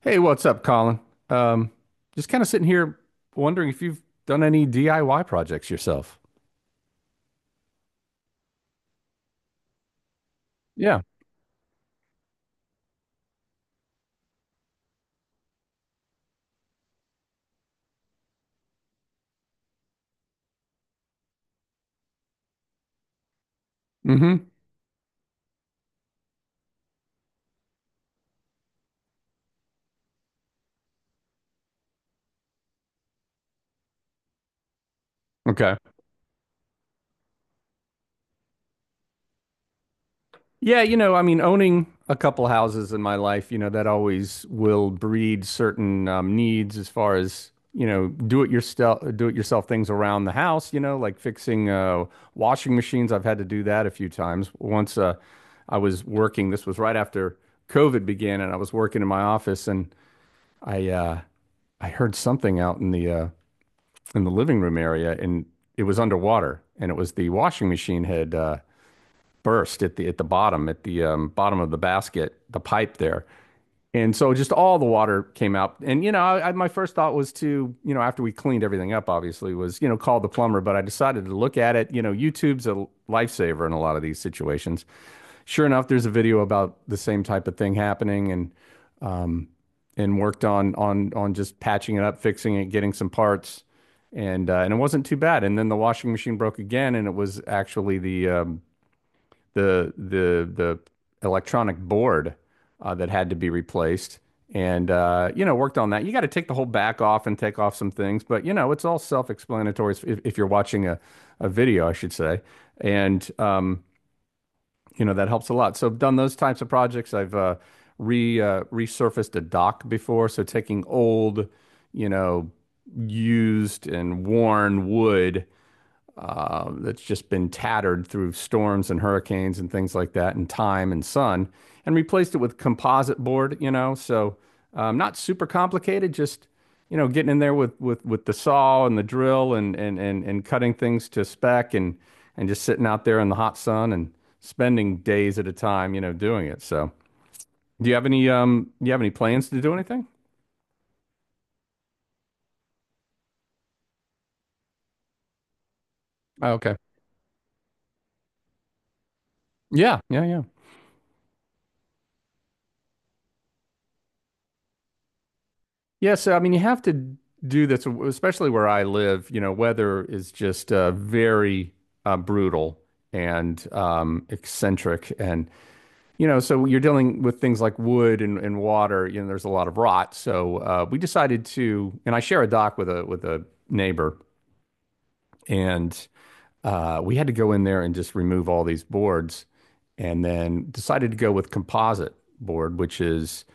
Hey, what's up, Colin? Um, just kind of sitting here wondering if you've done any DIY projects yourself. Yeah. Mm-hmm. Okay. Yeah, you know, I mean, owning a couple houses in my life, you know, that always will breed certain needs as far as, you know, do it yourself things around the house, you know, like fixing washing machines. I've had to do that a few times. Once I was working, this was right after COVID began, and I was working in my office and I, uh, I heard something out in the living room area, and it was underwater, and it was the washing machine had burst at the bottom of the basket, the pipe there, and so just all the water came out. And you know, my first thought was to, you know, after we cleaned everything up, obviously was, you know, call the plumber, but I decided to look at it. You know, YouTube's a lifesaver in a lot of these situations. Sure enough, there's a video about the same type of thing happening, and and worked on just patching it up, fixing it, getting some parts, and it wasn't too bad. And then the washing machine broke again, and it was actually the the electronic board that had to be replaced. And you know, worked on that. You got to take the whole back off and take off some things, but you know, it's all self-explanatory if you're watching a video, I should say. And you know, that helps a lot. So I've done those types of projects. I've re resurfaced a dock before, so taking old, you know, used and worn wood that's just been tattered through storms and hurricanes and things like that, and time and sun, and replaced it with composite board, you know. So not super complicated, just you know, getting in there with with the saw and the drill and and cutting things to spec and just sitting out there in the hot sun and spending days at a time, you know, doing it. So do you have any do you have any plans to do anything? Oh, okay. Yeah, yeah, yeah. Yeah, so I mean, you have to do this, especially where I live. You know, weather is just very brutal and eccentric, and you know, so you're dealing with things like wood and water. You know, there's a lot of rot. So we decided to, and I share a dock with a neighbor, and we had to go in there and just remove all these boards, and then decided to go with composite board, which is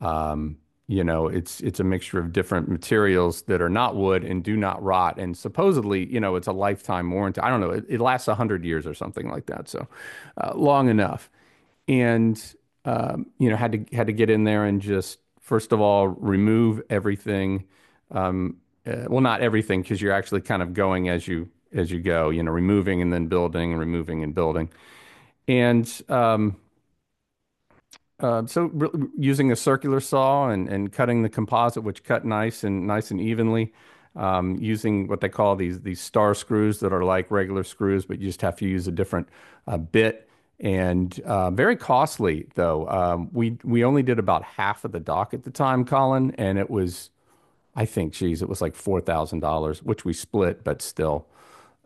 um, you know, it's a mixture of different materials that are not wood and do not rot. And supposedly, you know, it's a lifetime warranty. I don't know. It lasts 100 years or something like that. So long enough. And you know, had to get in there and just first of all remove everything. Um, well, not everything because you're actually kind of going as you go. You know, removing and then building and removing and building. And so re using a circular saw and cutting the composite, which cut nice and evenly, using what they call these star screws that are like regular screws, but you just have to use a different bit and very costly though. We only did about half of the dock at the time, Colin, and it was, I think, geez, it was like $4,000, which we split, but still.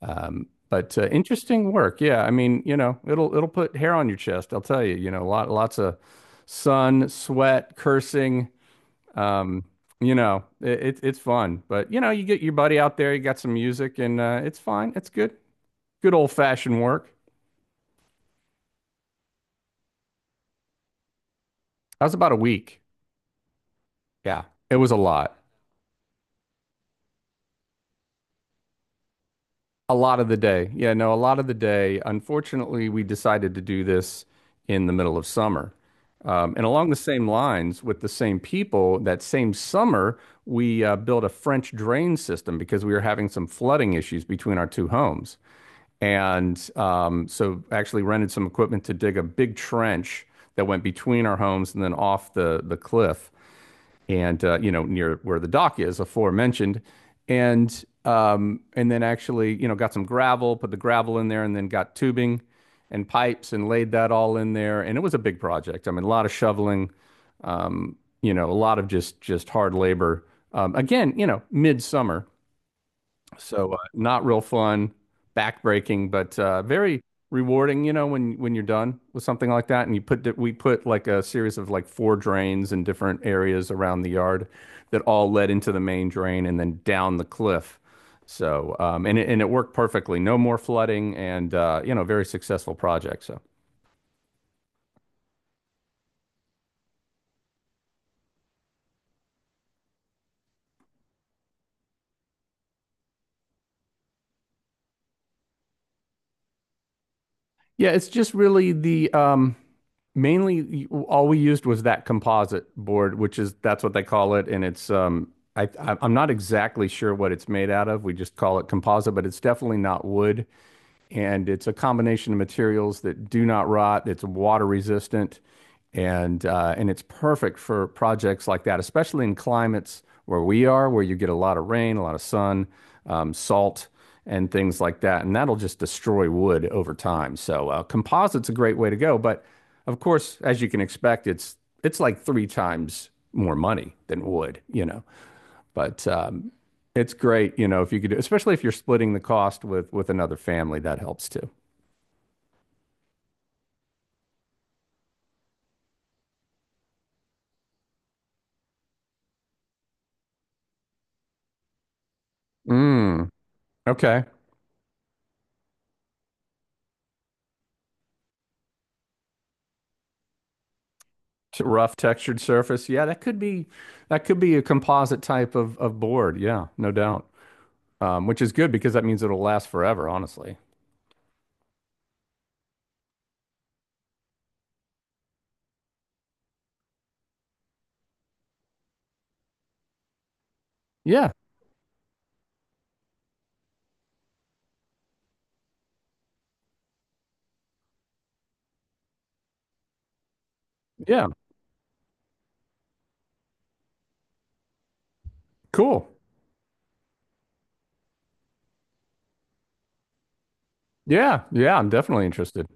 But interesting work. Yeah, I mean, you know, it'll put hair on your chest. I'll tell you. You know, lots of sun, sweat, cursing. Um, you know, it's fun. But you know, you get your buddy out there. You got some music, and it's fine. It's good. Good old fashioned work. That was about a week. Yeah. It was a lot. A lot of the day. Yeah, no, a lot of the day. Unfortunately, we decided to do this in the middle of summer. And along the same lines, with the same people, that same summer, we built a French drain system because we were having some flooding issues between our two homes. And so actually rented some equipment to dig a big trench that went between our homes and then off the cliff and you know, near where the dock is aforementioned. And and then actually, you know, got some gravel, put the gravel in there, and then got tubing and pipes and laid that all in there, and it was a big project. I mean, a lot of shoveling, um, you know, a lot of just hard labor. Again, you know, midsummer, so not real fun, backbreaking, but very rewarding. You know, when you're done with something like that, and we put like a series of like four drains in different areas around the yard that all led into the main drain and then down the cliff. So and and it worked perfectly. No more flooding, and you know, very successful project. So. Yeah, it's just really the mainly all we used was that composite board, which is that's what they call it, and it's I'm not exactly sure what it's made out of. We just call it composite, but it's definitely not wood, and it's a combination of materials that do not rot. It's water resistant, and it's perfect for projects like that, especially in climates where we are, where you get a lot of rain, a lot of sun, salt, and things like that, and that'll just destroy wood over time. So composite's a great way to go, but of course, as you can expect, it's like three times more money than wood, you know. But it's great, you know, if you could do, especially if you're splitting the cost with another family, that helps too. Mm, okay. Rough textured surface. Yeah, that could be a composite type of board. Yeah, no doubt. Which is good because that means it'll last forever, honestly. Yeah, yeah. Cool. Yeah, yeah, I'm definitely interested.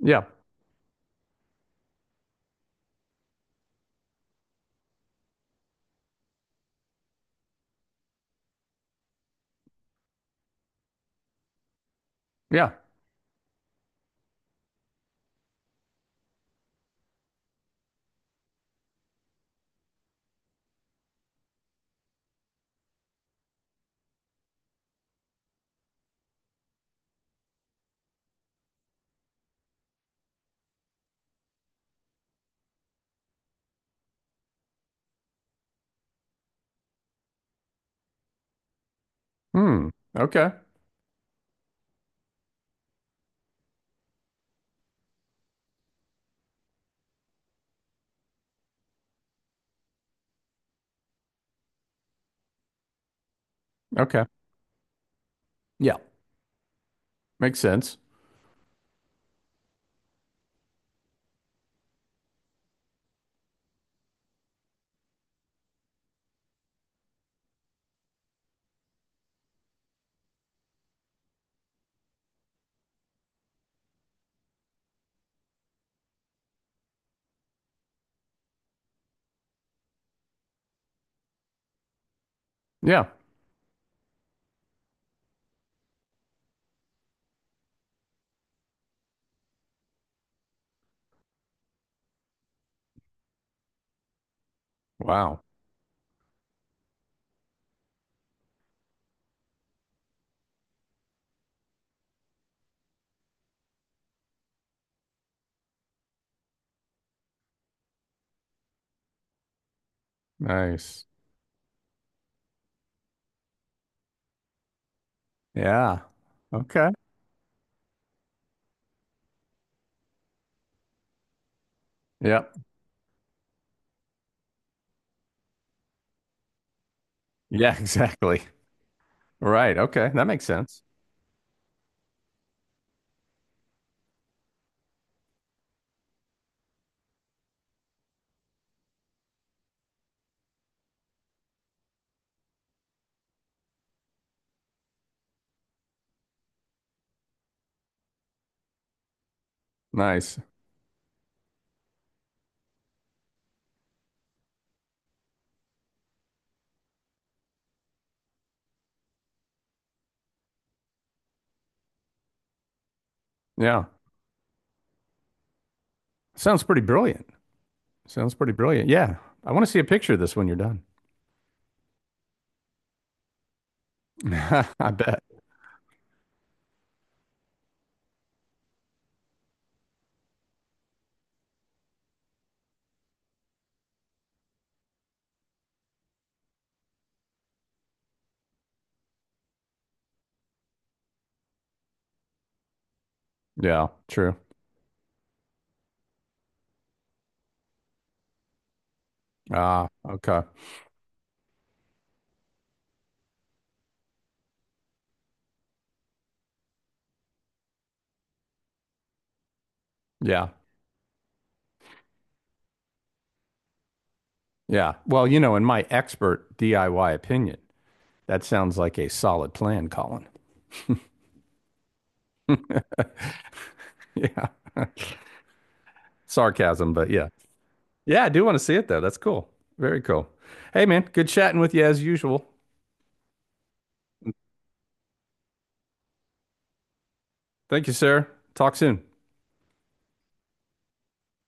Yeah, yeah. Hmm. Okay. Okay. Yeah. Makes sense. Yeah. Wow. Nice. Yeah. Okay. Yeah. Yeah, exactly. Right. Okay. That makes sense. Nice. Yeah. Sounds pretty brilliant. Sounds pretty brilliant. Yeah. I want to see a picture of this when you're done. I bet. Yeah, true. Ah, okay. Yeah. Yeah. Well, you know, in my expert DIY opinion, that sounds like a solid plan, Colin. Yeah. Sarcasm, but yeah. Yeah, I do want to see it though. That's cool. Very cool. Hey man, good chatting with you as usual. Thank you, sir. Talk soon.